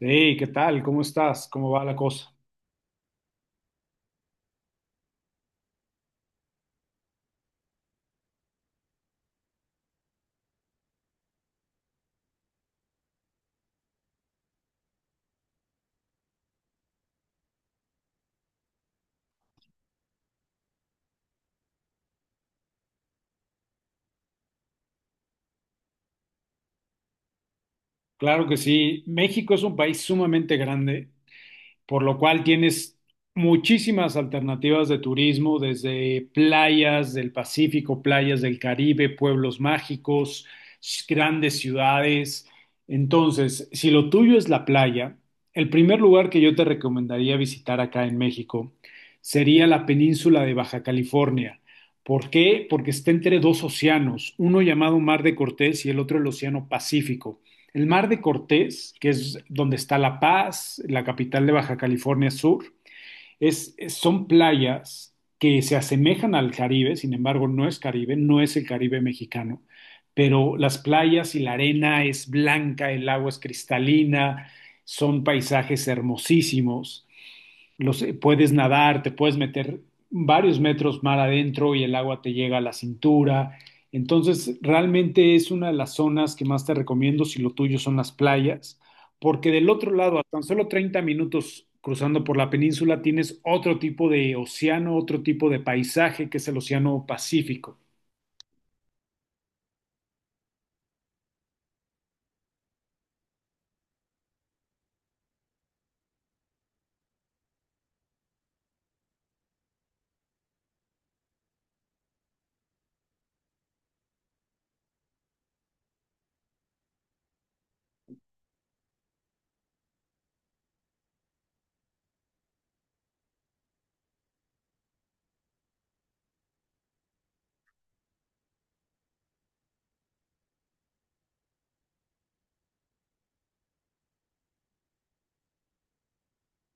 Hey, ¿qué tal? ¿Cómo estás? ¿Cómo va la cosa? Claro que sí. México es un país sumamente grande por lo cual tienes muchísimas alternativas de turismo, desde playas del Pacífico, playas del Caribe, pueblos mágicos, grandes ciudades. Entonces, si lo tuyo es la playa, el primer lugar que yo te recomendaría visitar acá en México sería la península de Baja California. ¿Por qué? Porque está entre dos océanos, uno llamado Mar de Cortés y el otro el Océano Pacífico. El Mar de Cortés, que es donde está La Paz, la capital de Baja California Sur, son playas que se asemejan al Caribe, sin embargo no es Caribe, no es el Caribe mexicano, pero las playas y la arena es blanca, el agua es cristalina, son paisajes hermosísimos puedes nadar, te puedes meter varios metros mar adentro y el agua te llega a la cintura. Entonces, realmente es una de las zonas que más te recomiendo si lo tuyo son las playas, porque del otro lado, a tan solo 30 minutos cruzando por la península, tienes otro tipo de océano, otro tipo de paisaje que es el océano Pacífico.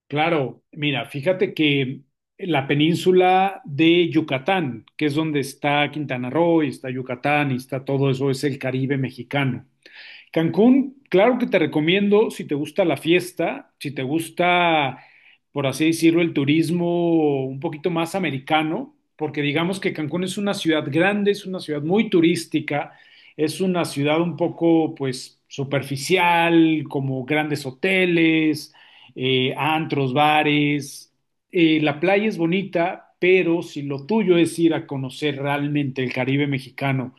Claro, mira, fíjate que la península de Yucatán, que es donde está Quintana Roo y está Yucatán y está todo eso, es el Caribe mexicano. Cancún, claro que te recomiendo si te gusta la fiesta, si te gusta, por así decirlo, el turismo un poquito más americano, porque digamos que Cancún es una ciudad grande, es una ciudad muy turística, es una ciudad un poco, pues, superficial, como grandes hoteles, antros, bares. La playa es bonita, pero si lo tuyo es ir a conocer realmente el Caribe mexicano,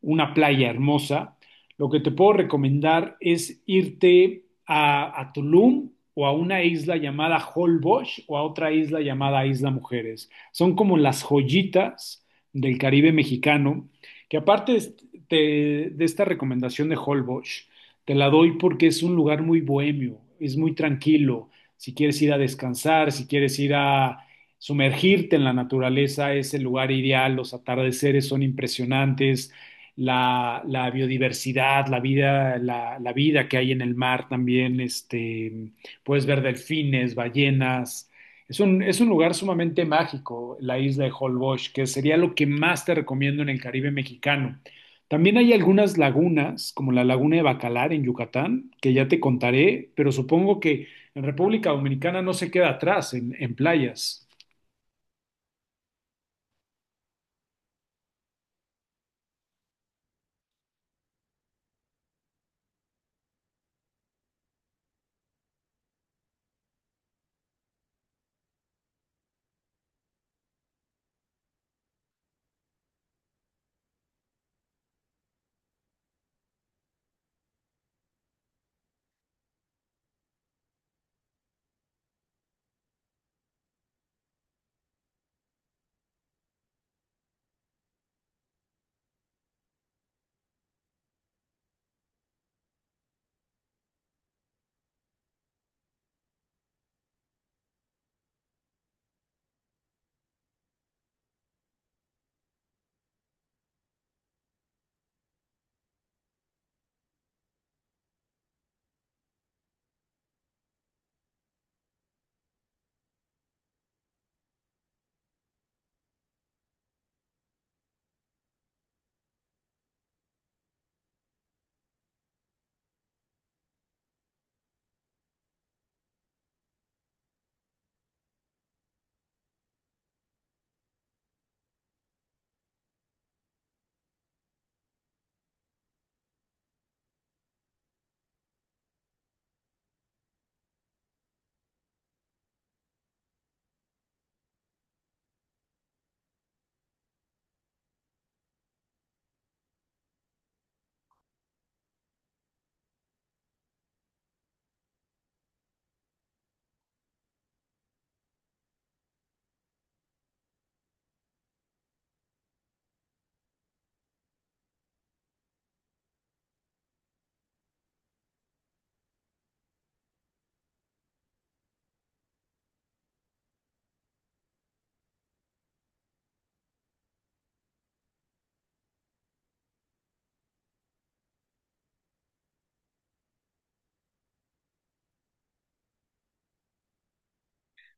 una playa hermosa, lo que te puedo recomendar es irte a Tulum o a una isla llamada Holbox o a otra isla llamada Isla Mujeres. Son como las joyitas del Caribe mexicano, que aparte de esta recomendación de Holbox, te la doy porque es un lugar muy bohemio, es muy tranquilo. Si quieres ir a descansar, si quieres ir a sumergirte en la naturaleza, es el lugar ideal. Los atardeceres son impresionantes, la biodiversidad, la vida, vida que hay en el mar también, puedes ver delfines, ballenas. Es un lugar sumamente mágico, la isla de Holbox, que sería lo que más te recomiendo en el Caribe mexicano. También hay algunas lagunas, como la laguna de Bacalar en Yucatán, que ya te contaré, pero supongo que en República Dominicana no se queda atrás en playas.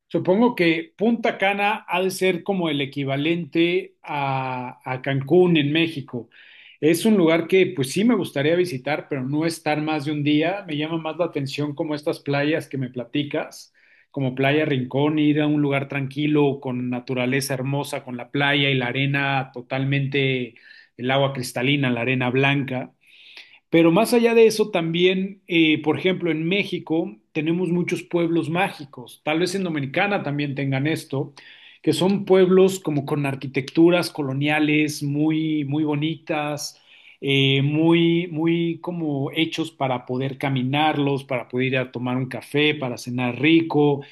Supongo que Punta Cana ha de ser como el equivalente a Cancún en México. Es un lugar que pues sí me gustaría visitar, pero no estar más de un día. Me llama más la atención como estas playas que me platicas, como Playa Rincón, ir a un lugar tranquilo, con naturaleza hermosa, con la playa y la arena totalmente, el agua cristalina, la arena blanca. Pero más allá de eso, también, por ejemplo, en México tenemos muchos pueblos mágicos, tal vez en Dominicana también tengan esto, que son pueblos como con arquitecturas coloniales muy, muy bonitas, muy, muy como hechos para poder caminarlos, para poder ir a tomar un café, para cenar rico.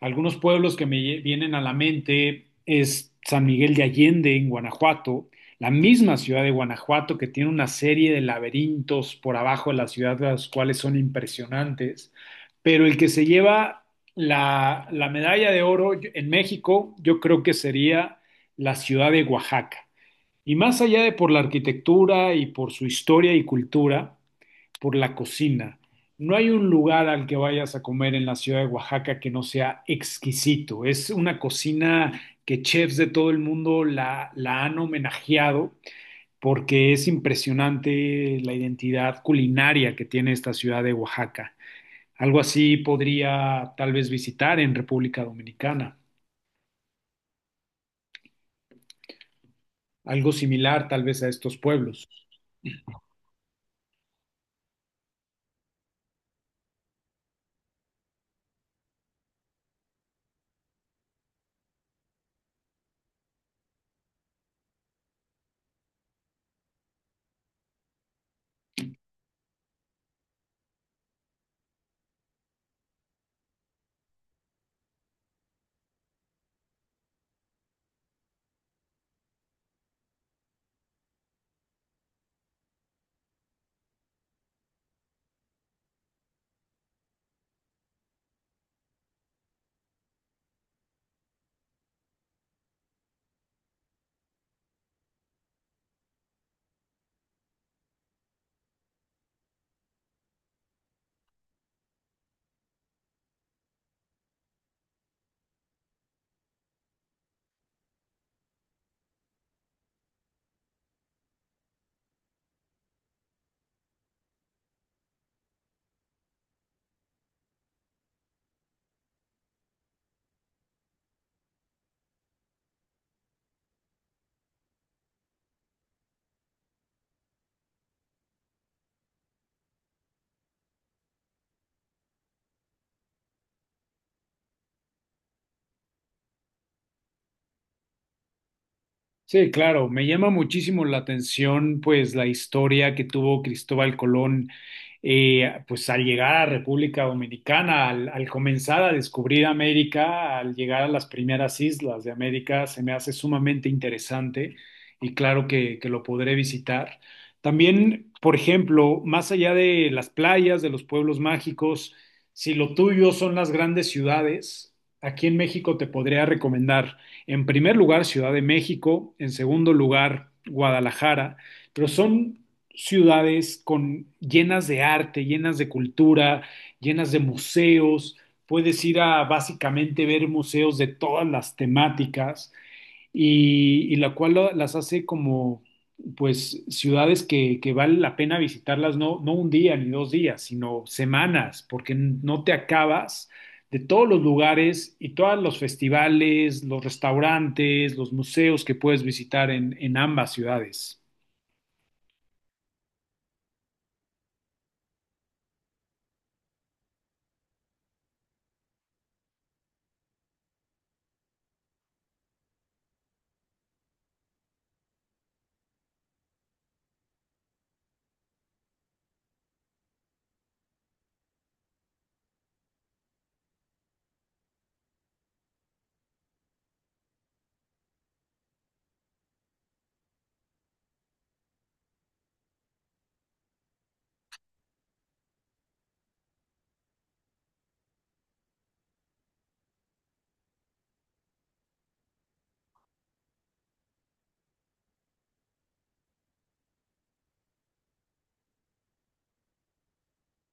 Algunos pueblos que me vienen a la mente es San Miguel de Allende en Guanajuato, la misma ciudad de Guanajuato, que tiene una serie de laberintos por abajo de la ciudad, los cuales son impresionantes, pero el que se lleva la medalla de oro en México, yo creo que sería la ciudad de Oaxaca. Y más allá de por la arquitectura y por su historia y cultura, por la cocina. No hay un lugar al que vayas a comer en la ciudad de Oaxaca que no sea exquisito. Es una cocina que chefs de todo el mundo la han homenajeado porque es impresionante la identidad culinaria que tiene esta ciudad de Oaxaca. Algo así podría tal vez visitar en República Dominicana, algo similar tal vez a estos pueblos. Sí, claro, me llama muchísimo la atención pues la historia que tuvo Cristóbal Colón pues al llegar a República Dominicana, al comenzar a descubrir América, al llegar a las primeras islas de América, se me hace sumamente interesante y claro que lo podré visitar. También, por ejemplo, más allá de las playas, de los pueblos mágicos, si lo tuyo son las grandes ciudades, aquí en México te podría recomendar. En primer lugar, Ciudad de México, en segundo lugar, Guadalajara, pero son ciudades con, llenas de arte, llenas de cultura, llenas de museos. Puedes ir a básicamente ver museos de todas las temáticas y la cual las hace como, pues, ciudades que vale la pena visitarlas, no, no un día ni dos días, sino semanas, porque no te acabas de todos los lugares y todos los festivales, los restaurantes, los museos que puedes visitar en ambas ciudades.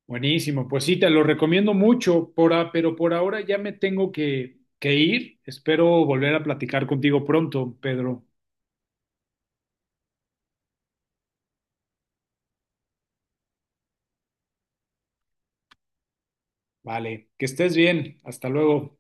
Buenísimo, pues sí, te lo recomiendo mucho, pero por ahora ya me tengo que ir. Espero volver a platicar contigo pronto, Pedro. Vale, que estés bien. Hasta luego.